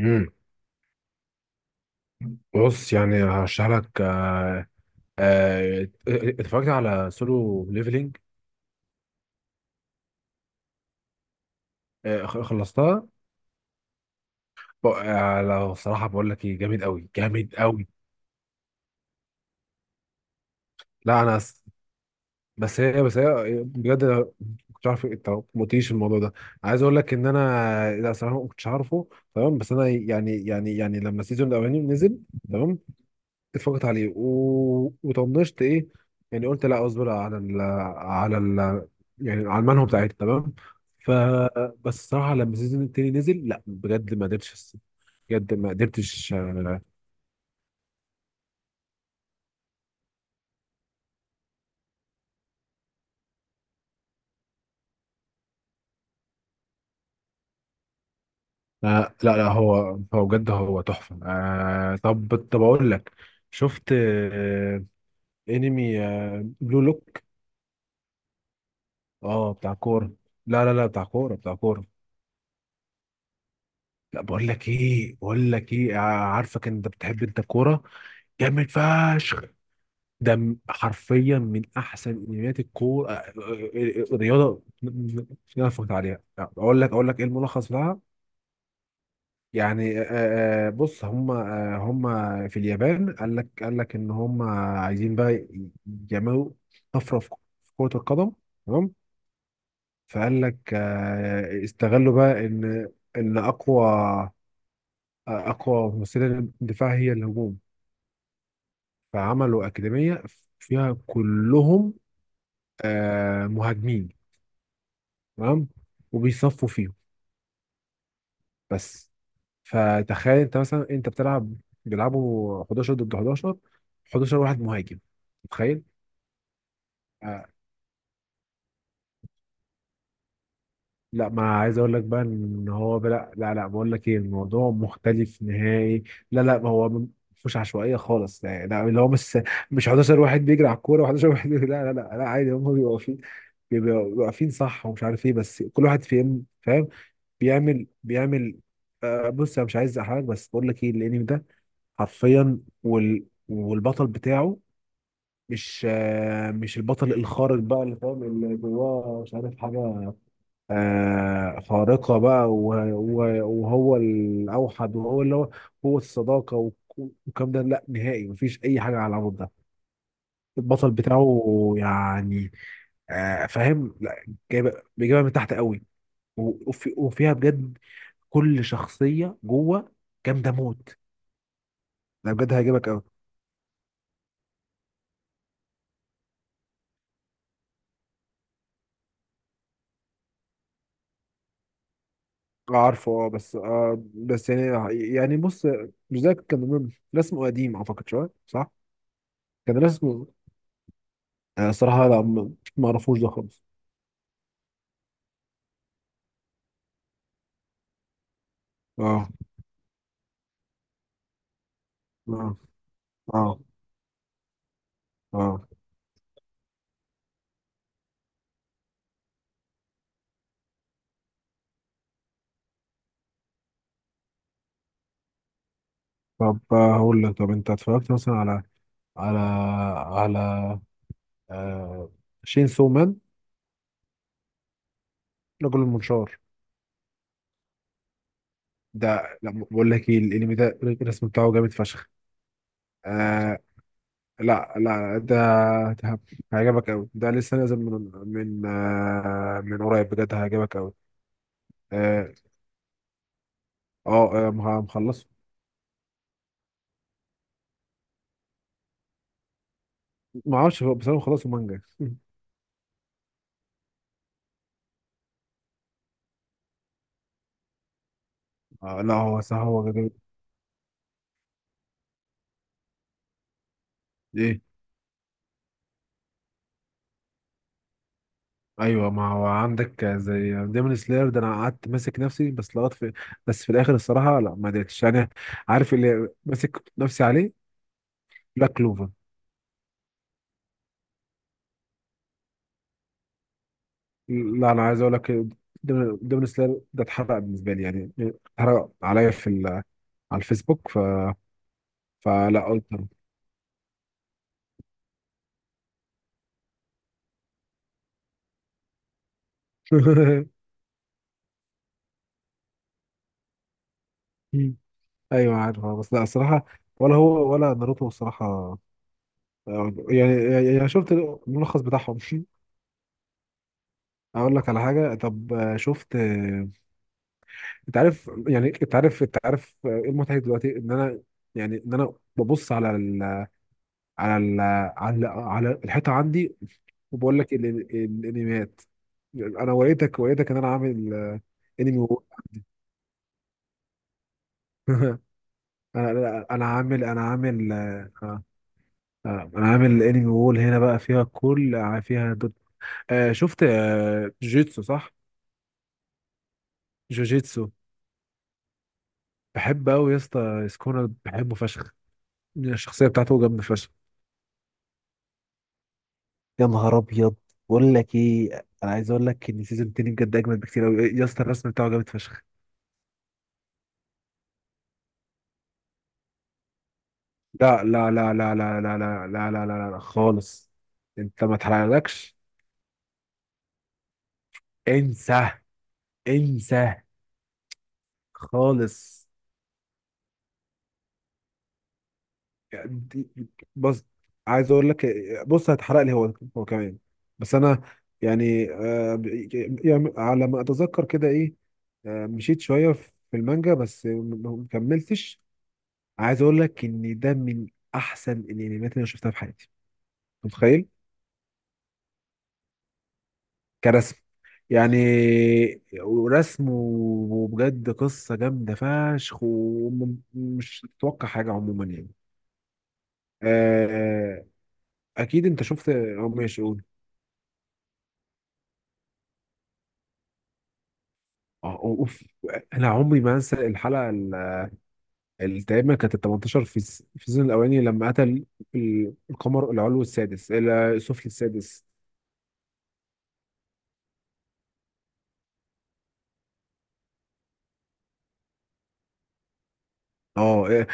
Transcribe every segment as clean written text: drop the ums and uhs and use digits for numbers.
امم بص، يعني هشرح لك. اتفرجت على سولو ليفلينج. خلصتها. لو صراحه بقول لك ايه، جامد قوي جامد قوي. لا انا س- بس هي بجد، أنا ما كنتش عارف. انت ما قلتليش الموضوع ده. عايز اقول لك ان انا، لا صراحه ما كنتش عارفه. تمام. بس انا يعني لما السيزون الاولاني نزل. تمام. اتفقت عليه وطنشت، ايه يعني. قلت لا، اصبر على على ال... يعني على المنهو بتاعتي. تمام. ف بس الصراحه لما السيزون التاني نزل، لا بجد ما قدرتش. بجد ما قدرتش. لا لا، هو بجد هو تحفه. طب اقول لك. شفت انمي بلو لوك. اه بتاع كوره. لا لا لا، بتاع كوره لا، بقول لك ايه، عارفك انت بتحب انت الكوره. جامد فشخ. حرفيا من احسن انميات الكوره، رياضه اللي انا اتفرجت عليها. اقول لك ايه الملخص لها. يعني بص، هم في اليابان. قال لك ان هم عايزين بقى يعملوا طفره في كره القدم. تمام. فقال لك استغلوا بقى ان اقوى ممثله الدفاع هي الهجوم. فعملوا اكاديميه فيها كلهم مهاجمين. تمام. وبيصفوا فيهم بس. فتخيل انت مثلا، انت بتلعب، بيلعبوا 11 ضد 11. 11 واحد مهاجم. متخيل؟ آه لا، ما عايز اقول لك بقى ان هو، لا لا لا، بقول لك ايه، الموضوع مختلف نهائي. لا لا، ما هو مش عشوائيه خالص. لا لا، اللي هو مش 11 واحد بيجري على الكوره و11 واحد لا لا لا لا، عادي هم بيبقوا واقفين. بيبقوا واقفين صح، ومش عارف ايه، بس كل واحد فيهم فاهم بيعمل. بص، انا مش عايز احرج، بس بقول لك ايه، الانمي ده حرفيا، والبطل بتاعه مش مش البطل الخارق بقى، اللي فاهم اللي جواه مش عارف حاجة خارقة بقى، وهو الأوحد، وهو اللي هو هو الصداقة والكلام ده، لا نهائي مفيش أي حاجة على العمود ده. البطل بتاعه يعني فاهم؟ لا، جايبة بيجيبها من تحت قوي. وفيها بجد كل شخصية جوه جامدة موت. لا بجد هيعجبك قوي. عارفه. اه، بس بس يعني، بص، مش ده كان رسمه قديم، اعتقد شويه، صح؟ كان رسمه. صراحه لا، ما اعرفوش ده خالص. اه اه اه اه. طب هقول لك. طب انت اتفرجت مثلا على على آه شين سومان، رجل المنشار؟ ده، لا، بقول لك ايه، الانمي ده الرسم بتاعه جامد فشخ. آه لا لا، ده هيعجبك قوي. ده لسه نازل من من قريب، بجد هيعجبك قوي. اه، مخلصه. ما اعرفش بس انا مخلصه مانجا لا هو صح، هو جدول. ايه. ايوه، ما هو عندك زي ديمون سلاير ده، انا قعدت ماسك نفسي بس لغايه في، بس في الاخر الصراحه لا، ما قدرتش انا. عارف اللي ماسك نفسي عليه؟ بلاك كلوفر. لا انا عايز اقول لك، ديمون سلاير ده اتحرق بالنسبه لي يعني. اتحرق عليا في على الفيسبوك فلا، قلت ايوه عارف، بس لا الصراحه، ولا هو ولا ناروتو الصراحه، يعني، شفت الملخص بتاعهم اقول لك على حاجه. طب شفت انت عارف، يعني انت عارف، ايه المضحك دلوقتي؟ ان انا يعني، ان انا ببص على على الحيطه عندي، وبقول لك الانميات. انا وريتك، ان انا عامل انمي وول انا انا أنا عامل انا عامل آه، آه، آه، انا عامل انمي وول هنا بقى، فيها كل، فيها دوت. شفت جوجيتسو، صح؟ جوجيتسو بحب قوي يا اسطى، سكونر بحبه فشخ. الشخصيه بتاعته جامده فشخ. يا نهار ابيض، بقول لك ايه، انا عايز اقول لك ان سيزون 2 بجد اجمد بكتير قوي يا اسطى، الرسم بتاعه جامد فشخ. لا لا لا لا لا لا لا لا لا لا لا، خالص، انت ما تحرقلكش. انسى انسى خالص. يعني بص، عايز اقول لك، بص هتحرق لي هو، هو كمان. بس انا يعني، يعني على ما اتذكر كده، ايه، مشيت شويه في المانجا بس ما كملتش. عايز اقول لك ان ده من احسن الانميات اللي انا شفتها في حياتي. أنت متخيل؟ كرسم يعني، ورسم، وبجد قصه جامده فشخ، ومش تتوقع حاجه عموما يعني. آه اكيد انت شفت. اه ماشي. اه اوف. انا عمري ما انسى الحلقه التقريبا كانت ال 18 في في السيزون الاولاني، لما قتل القمر العلوي السادس، السفلي السادس. اه إيه،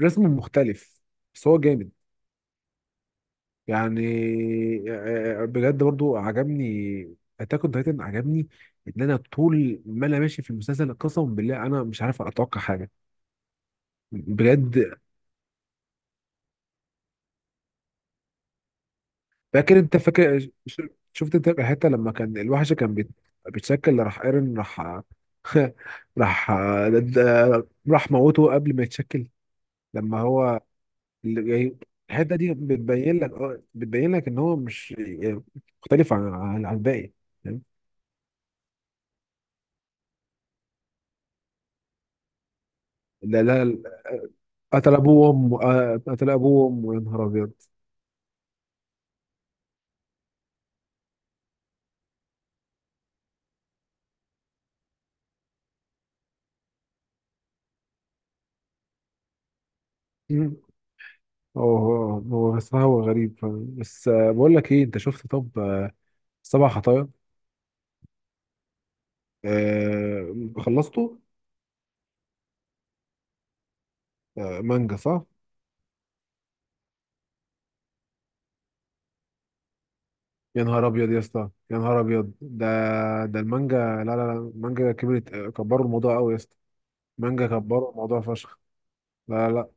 رسم مختلف. بس هو جامد يعني، بجد برضو عجبني اتاك اون تايتن، عجبني ان انا طول ما انا ماشي في المسلسل قسما بالله انا مش عارف اتوقع حاجه، بجد. فاكر؟ انت فاكر، ش- شفت انت الحته لما كان الوحش كان بيتشكل، راح ايرن، راح راح راح موته قبل ما يتشكل. لما هو اللي جاي- الحته دي بتبين لك، اه بتبين لك ان هو مش يعني مختلف عن الباقي. فاهم؟ لا لا، قتل ابوه وامه. اه، قتل ابوه وامه. يا نهار ابيض مم. هو بصراحة، هو غريب، فاهم؟ بس بقول لك ايه، انت شفت طب سبع خطايا؟ خلصته. مانجا صح؟ يا نهار ابيض يا اسطى، يا نهار ابيض، ده ده المانجا، لا لا لا، المانجا كبرت، كبروا الموضوع قوي يا اسطى. المانجا كبروا الموضوع فشخ. لا لا لا.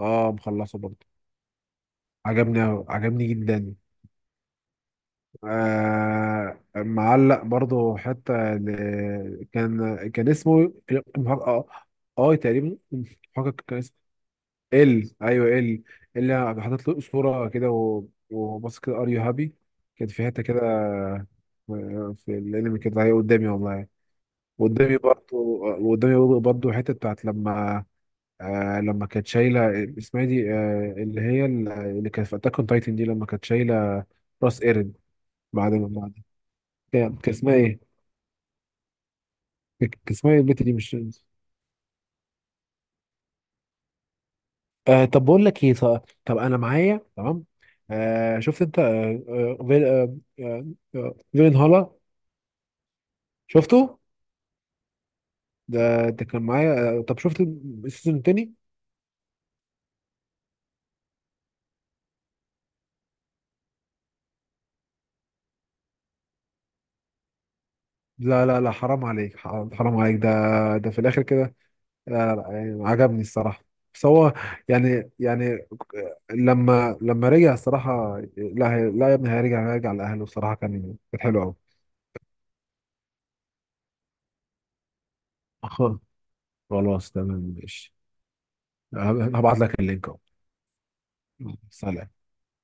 اه مخلصه برضه، عجبني قوي، عجبني جدا. معلق برضه حتى كان اسمه اه اه تقريبا. كان ال، ايوه ال، اللي حاطط له صوره كده و- وبص كده، ار يو هابي، كانت في حته كده في الانمي كده، هي قدامي والله. وقدامي برضه، حته بتاعت لما لما كانت شايله، اسمها إيه دي، اللي هي اللي كانت في اتاك اون تايتن دي لما كانت شايله راس ايرن. بعد ما بعد، كان اسمها ايه؟ كان اسمها ايه البت دي؟ مش طب بقول لك ايه، طب، انا معايا تمام. شفت انت فيلن هالا؟ شفته. ده كان معايا. طب شفت السيزون التاني؟ لا لا لا، حرام عليك، حرام عليك، ده ده في الاخر كده. لا لا لا، يعني عجبني الصراحه. بس هو يعني، لما رجع، الصراحه لا، لا يا ابني، هيرجع، لاهله. الصراحه كان كانت حلوه. قوي، خلاص تمام ماشي. هبعت لك اللينك اهو. سلام.